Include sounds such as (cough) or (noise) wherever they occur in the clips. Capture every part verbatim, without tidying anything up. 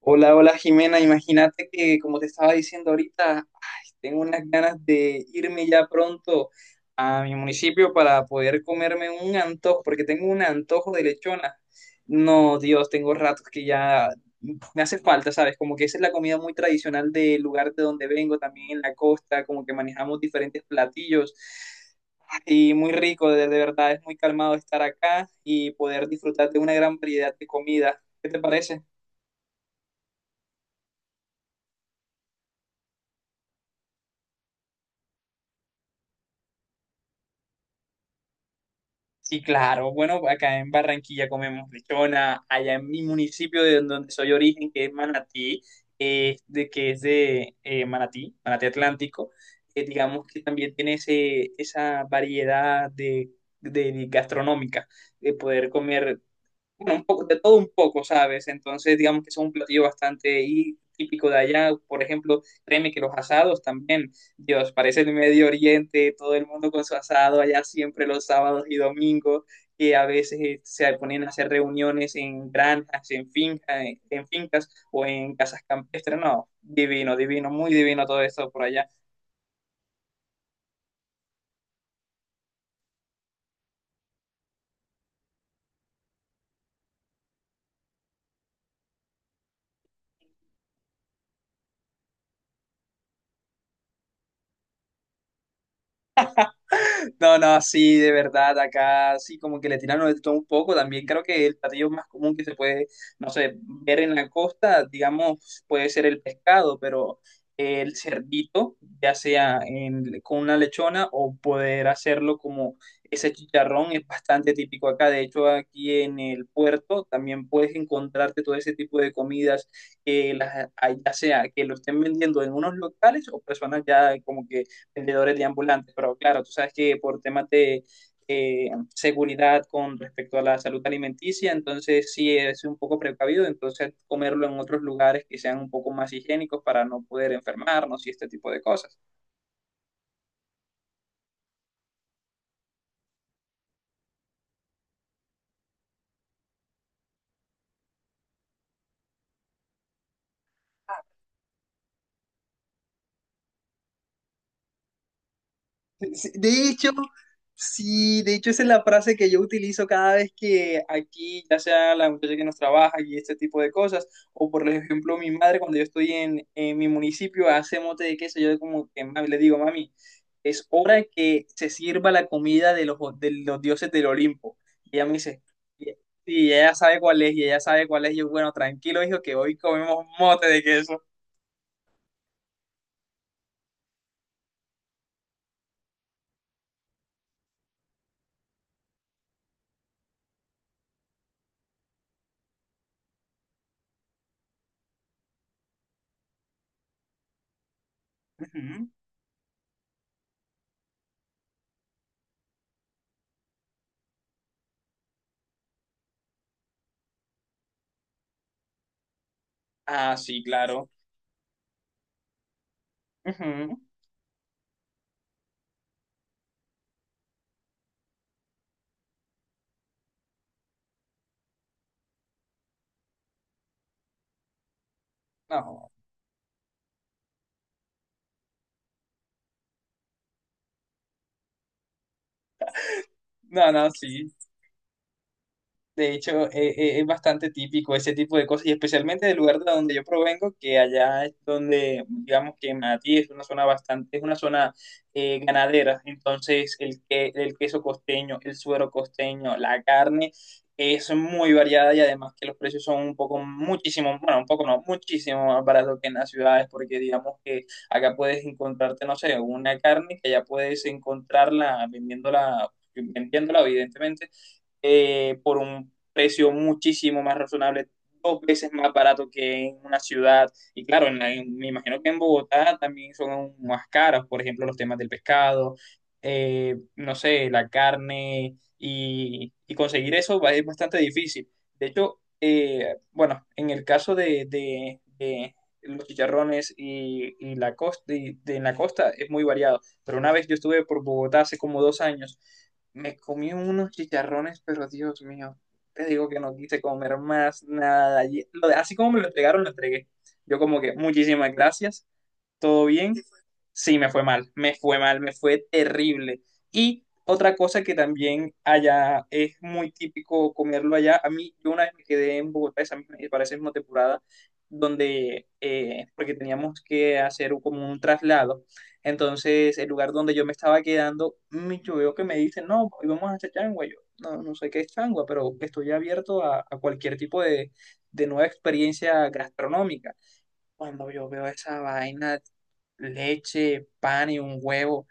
Hola, hola Jimena, imagínate que como te estaba diciendo ahorita, ay, tengo unas ganas de irme ya pronto a mi municipio para poder comerme un antojo, porque tengo un antojo de lechona. No, Dios, tengo ratos que ya me hace falta, ¿sabes? Como que esa es la comida muy tradicional del lugar de donde vengo, también en la costa, como que manejamos diferentes platillos. Y muy rico, de, de verdad, es muy calmado estar acá y poder disfrutar de una gran variedad de comida. ¿Qué te parece? Sí, claro. Bueno, acá en Barranquilla comemos lechona, allá en mi municipio de donde soy origen, que es Manatí, eh, de, que es de eh, Manatí, Manatí Atlántico. Eh, digamos que también tiene ese, esa variedad de, de- de gastronómica, de poder comer, bueno, un poco, de todo un poco, ¿sabes? Entonces, digamos que es un platillo bastante y- típico de allá. Por ejemplo, créeme que los asados también, Dios, parece el Medio Oriente, todo el mundo con su asado allá siempre los sábados y domingos, que a veces eh, se ponen a hacer reuniones en granjas, en finca- en fincas o en casas campestres. No, divino, divino, muy divino todo esto por allá. No, no, sí, de verdad, acá sí, como que le tiraron de todo un poco. También creo que el platillo más común que se puede, no sé, ver en la costa, digamos, puede ser el pescado, pero el cerdito, ya sea en- con una lechona o poder hacerlo como ese chicharrón, es bastante típico acá. De hecho, aquí en el puerto también puedes encontrarte todo ese tipo de comidas, que las, ya sea que lo estén vendiendo en unos locales o personas ya como que vendedores de ambulantes, pero claro, tú sabes que por temas de eh, seguridad con respecto a la salud alimenticia, entonces sí es un poco precavido, entonces comerlo en otros lugares que sean un poco más higiénicos para no poder enfermarnos y este tipo de cosas. Sí, de hecho, sí, de hecho esa es la frase que yo utilizo cada vez que aquí, ya sea la muchacha que nos trabaja y este tipo de cosas, o por ejemplo mi madre cuando yo estoy en, en mi municipio hace mote de queso, yo como que ma- le digo, mami, es hora de que se sirva la comida de los, de los dioses del Olimpo. Y ella me dice, y sí, y ella sabe cuál es, y ella sabe cuál es, y yo, bueno, tranquilo, hijo, que hoy comemos mote de queso. Ujú. Ah, sí, claro. Ujú. No, no, no, sí. De hecho, eh, eh, es bastante típico ese tipo de cosas, y especialmente del lugar de donde yo provengo, que allá es donde, digamos que Manatí es una zona bastante, es una zona eh, ganadera. Entonces, el, que, el queso costeño, el suero costeño, la carne es muy variada y además que los precios son un poco, muchísimo, bueno, un poco no, muchísimo más barato que en las ciudades, porque digamos que acá puedes encontrarte, no sé, una carne que allá puedes encontrarla vendiéndola, vendiéndola, evidentemente eh, por un precio muchísimo más razonable, dos veces más barato que en una ciudad. Y claro, en la- en- me imagino que en Bogotá también son aún más caros, por ejemplo, los temas del pescado, eh, no sé, la carne, y, y conseguir eso va- es bastante difícil. De hecho, eh, bueno, en el caso de, de- de los chicharrones y, y la costa, y de, en la costa es muy variado, pero una vez yo estuve por Bogotá hace como dos años, me comí unos chicharrones, pero Dios mío, te digo que no quise comer más nada. Y lo de- así como me lo entregaron, lo entregué. Yo como que, muchísimas gracias, ¿todo bien? Sí, me fue mal, me fue mal, me fue terrible. Y otra cosa que también allá es muy típico comerlo allá. A mí, yo una vez me quedé en Bogotá esa misma- para esa misma temporada, donde, eh, porque teníamos que hacer un- como un traslado. Entonces, el lugar donde yo me estaba quedando, mm, yo veo que me dicen, no, hoy vamos a hacer changua. Yo, no, no sé qué es changua, pero estoy abierto a, a cualquier tipo de, de nueva experiencia gastronómica. Cuando yo veo esa vaina, leche, pan y un huevo,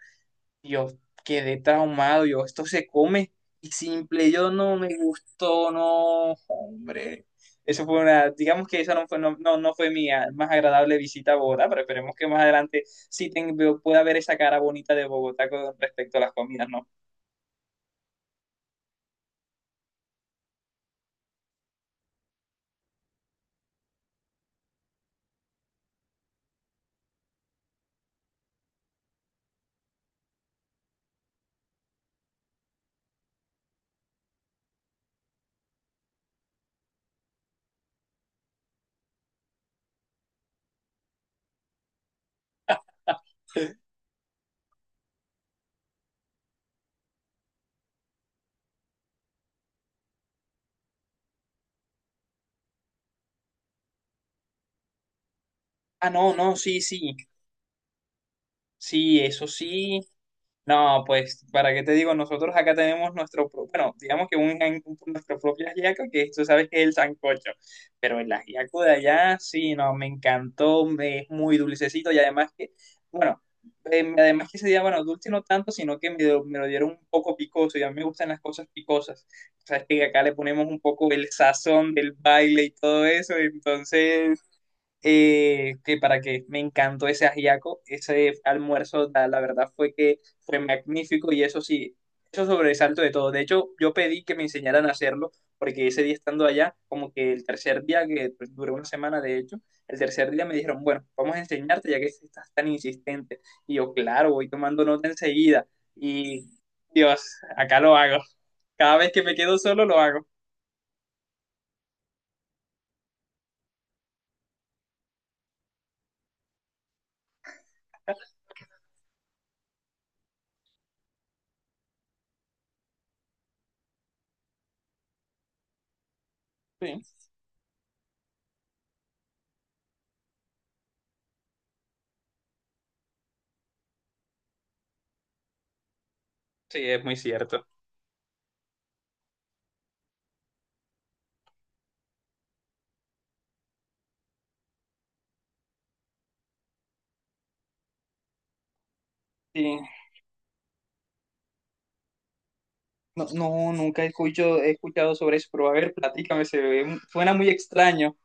yo quedé traumado, yo, esto se come y simple, yo no me gustó, no, hombre. Eso fue una, digamos que esa no fue, no, no, no fue mi ah, más agradable visita a Bogotá, pero esperemos que más adelante sí ten- veo- pueda ver esa cara bonita de Bogotá con respecto a las comidas, ¿no? Ah, no, no, sí, sí, sí, eso sí. No, pues, ¿para qué te digo? Nosotros acá tenemos nuestro, pro- bueno, digamos que un, jan- nuestro propio ajiaco, que tú sabes que es el sancocho, pero el ajiaco de allá, sí, no, me encantó, me- es muy dulcecito y además que, bueno, eh, además que ese día, bueno, dulce no tanto, sino que me, lo me lo dieron un poco picoso y a mí me gustan las cosas picosas. Sabes que acá le ponemos un poco el sazón del baile y todo eso, entonces eh, que para que me encantó ese ajiaco, ese almuerzo, la, la verdad fue que fue magnífico y eso sí, eso sobresalto de todo. De hecho, yo pedí que me enseñaran a hacerlo porque ese día estando allá, como que el tercer día, que pues, duró una semana de hecho, el tercer día me dijeron, bueno, vamos a enseñarte ya que estás tan insistente. Y yo, claro, voy tomando nota enseguida y Dios, acá lo hago. Cada vez que me quedo solo lo hago. Sí, sí, es muy cierto. Sí. No, no, nunca he escuchado, he escuchado sobre eso, pero a ver, platícame, se ve- suena muy extraño.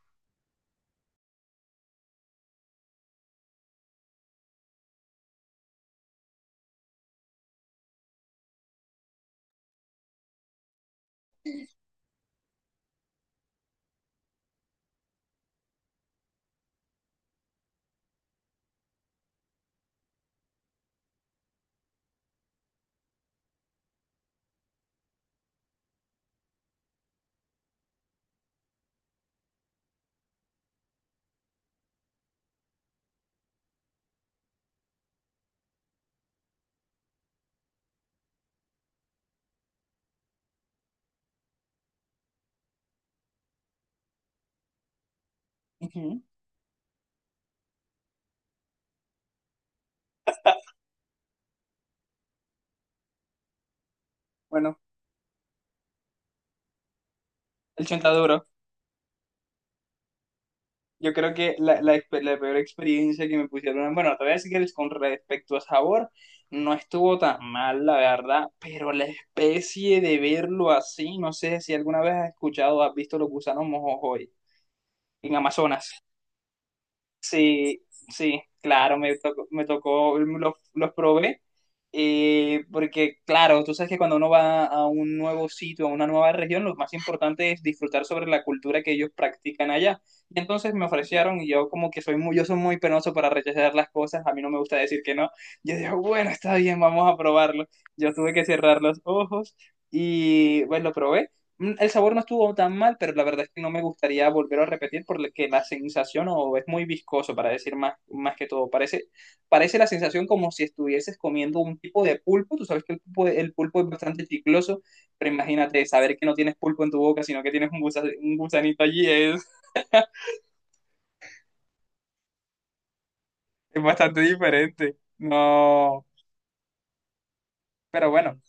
Ujú. Bueno, el chontaduro. Yo creo que la, la, expe- la peor experiencia que me pusieron, bueno, te voy a decir que el- con respecto a sabor, no estuvo tan mal, la verdad, pero la especie de verlo así, no sé si alguna vez has escuchado, has visto los gusanos mojojoy en Amazonas. Sí, sí, claro, me tocó, me tocó, mm, los, los probé, eh, porque claro, tú sabes que cuando uno va a un nuevo sitio, a una nueva región, lo más importante es disfrutar sobre la cultura que ellos practican allá. Y entonces me ofrecieron y yo como que soy muy, yo soy muy penoso para rechazar las cosas, a mí no me gusta decir que no. Yo digo, bueno, está bien, vamos a probarlo. Yo tuve que cerrar los ojos y pues lo probé. mm, El sabor no estuvo tan mal, pero la verdad es que no me gustaría volver a repetir porque la sensación o es muy viscoso, para decir más, más que todo. Parece, parece la sensación como si estuvieses comiendo un tipo de pulpo. Tú sabes que el pulpo, el pulpo es bastante chicloso, pero imagínate saber que no tienes pulpo en tu boca, sino que tienes un, gusa- un gusanito allí, es, es bastante diferente. No, pero bueno.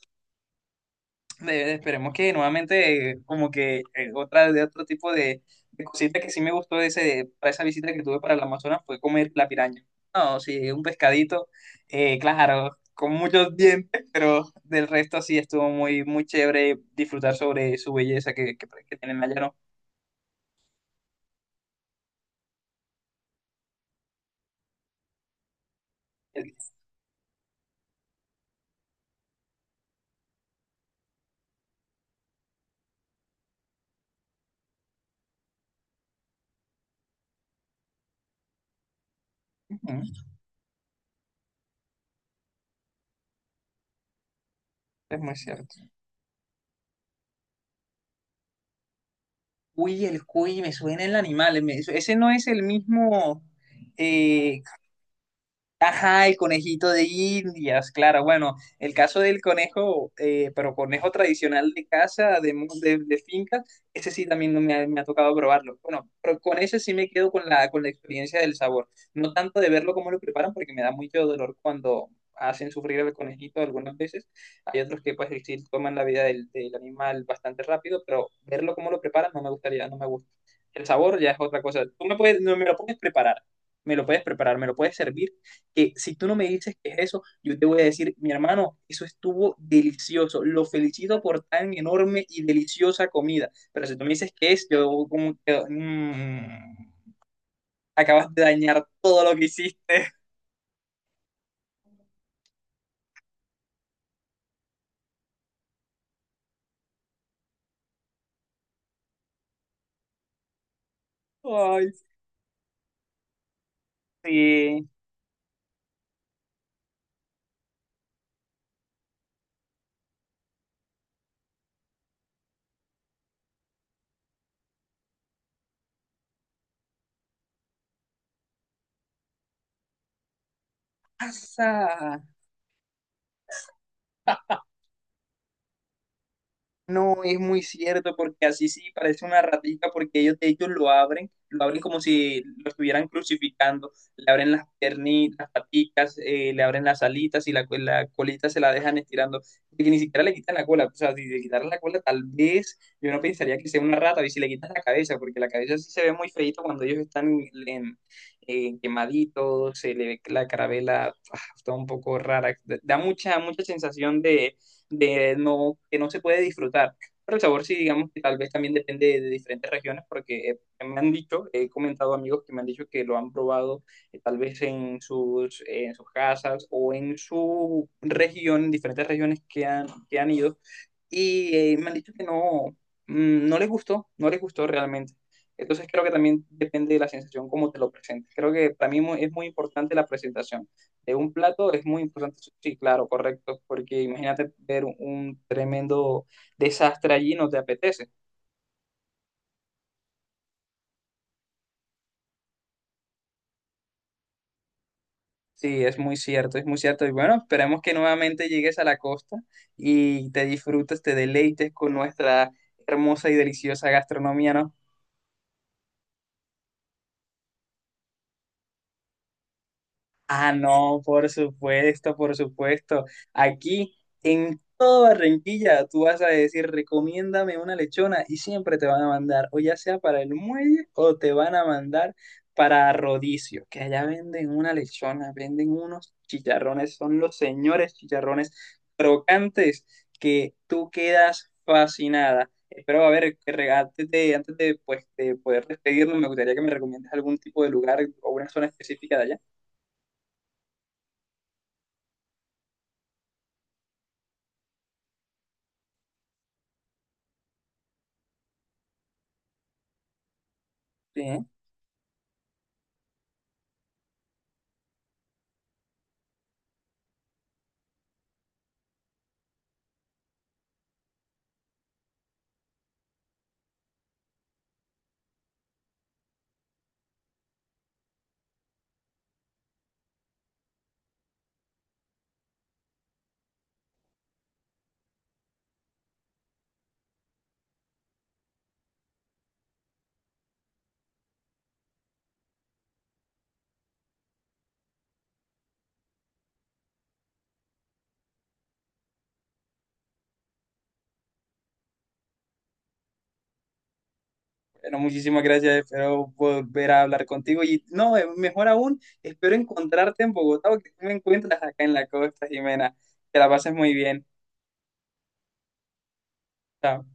de- Esperemos que nuevamente, eh, como que eh, otra de otro tipo de, de cosita que sí me gustó de ese, para esa visita que tuve para el Amazonas fue comer la piraña. No, sí, un pescadito, eh, claro, con muchos dientes, pero del resto sí estuvo muy, muy chévere disfrutar sobre su belleza que, que, que tienen allá, ¿no? El- Ujú, es muy cierto. Uy, el cuy, me suena el animal, me- ese no es el mismo. Ajá, el conejito de Indias, claro. Bueno, el caso del conejo, eh, pero conejo tradicional de casa, de, mo- de, de finca, ese sí también no me ha, me ha tocado probarlo. Bueno, pero con ese sí me quedo con la, con la experiencia del sabor. No tanto de verlo cómo lo preparan, porque me da mucho dolor cuando hacen sufrir al conejito algunas veces. Hay otros que pues sí toman la vida del, del animal bastante rápido, pero verlo cómo lo preparan no me gustaría, no me gusta. El sabor ya es otra cosa. Tú me puedes, no me lo puedes preparar, me lo puedes preparar, me lo puedes servir, que si tú no me dices qué es eso, yo te voy a decir, mi hermano, eso estuvo delicioso, lo felicito por tan enorme y deliciosa comida, pero si tú me dices qué es, yo como que... mm, acabas de dañar todo lo que hiciste. (laughs) Ay, sí. Pasa. No, es muy cierto, porque así sí parece una ratita, porque ellos de hecho lo abren, lo abren como si lo estuvieran crucificando, le abren las piernitas, las paticas, eh, le abren las alitas y la, cu- la colita se la dejan estirando, porque ni siquiera le quitan la cola, o sea, si le quitaran la cola tal vez yo no pensaría que sea una rata, y si le quitan la cabeza, porque la cabeza sí se ve muy feíto cuando ellos están en, en- eh, quemaditos, se le ve la carabela, ah, está un poco rara, da mucha, mucha sensación de no, que no se puede disfrutar. Pero el sabor sí, digamos que tal vez también depende de diferentes regiones, porque eh, me han dicho, he comentado amigos que me han dicho que lo han probado eh, tal vez en sus, eh, en sus casas o en su región, en diferentes regiones que han, que han ido, y eh, me han dicho que no, mm, no les gustó, no les gustó realmente. Entonces creo que también depende de la sensación, cómo te lo presentes. Creo que para mí mu- es muy importante la presentación de un plato, es muy importante, sí, claro, correcto, porque imagínate ver un, un tremendo desastre allí, no te apetece. Sí, es muy cierto, es muy cierto. Y bueno, esperemos que nuevamente llegues a la costa y te disfrutes, te deleites con nuestra hermosa y deliciosa gastronomía, ¿no? Ah, no, por supuesto, por supuesto. Aquí en toda Barranquilla tú vas a decir, recomiéndame una lechona y siempre te van a mandar, o ya sea para el muelle o te van a mandar para Rodicio, que allá venden una lechona, venden unos chicharrones, son los señores chicharrones crocantes que tú quedas fascinada. Espero, a ver, que re- antes de, antes de, pues, de poder despedirnos, me gustaría que me recomiendes algún tipo de lugar o una zona específica de allá. Bueno, muchísimas gracias, espero volver a hablar contigo y no, eh, mejor aún, espero encontrarte en Bogotá o que tú me encuentres acá en la costa, Jimena. Que la pases muy bien. Chao.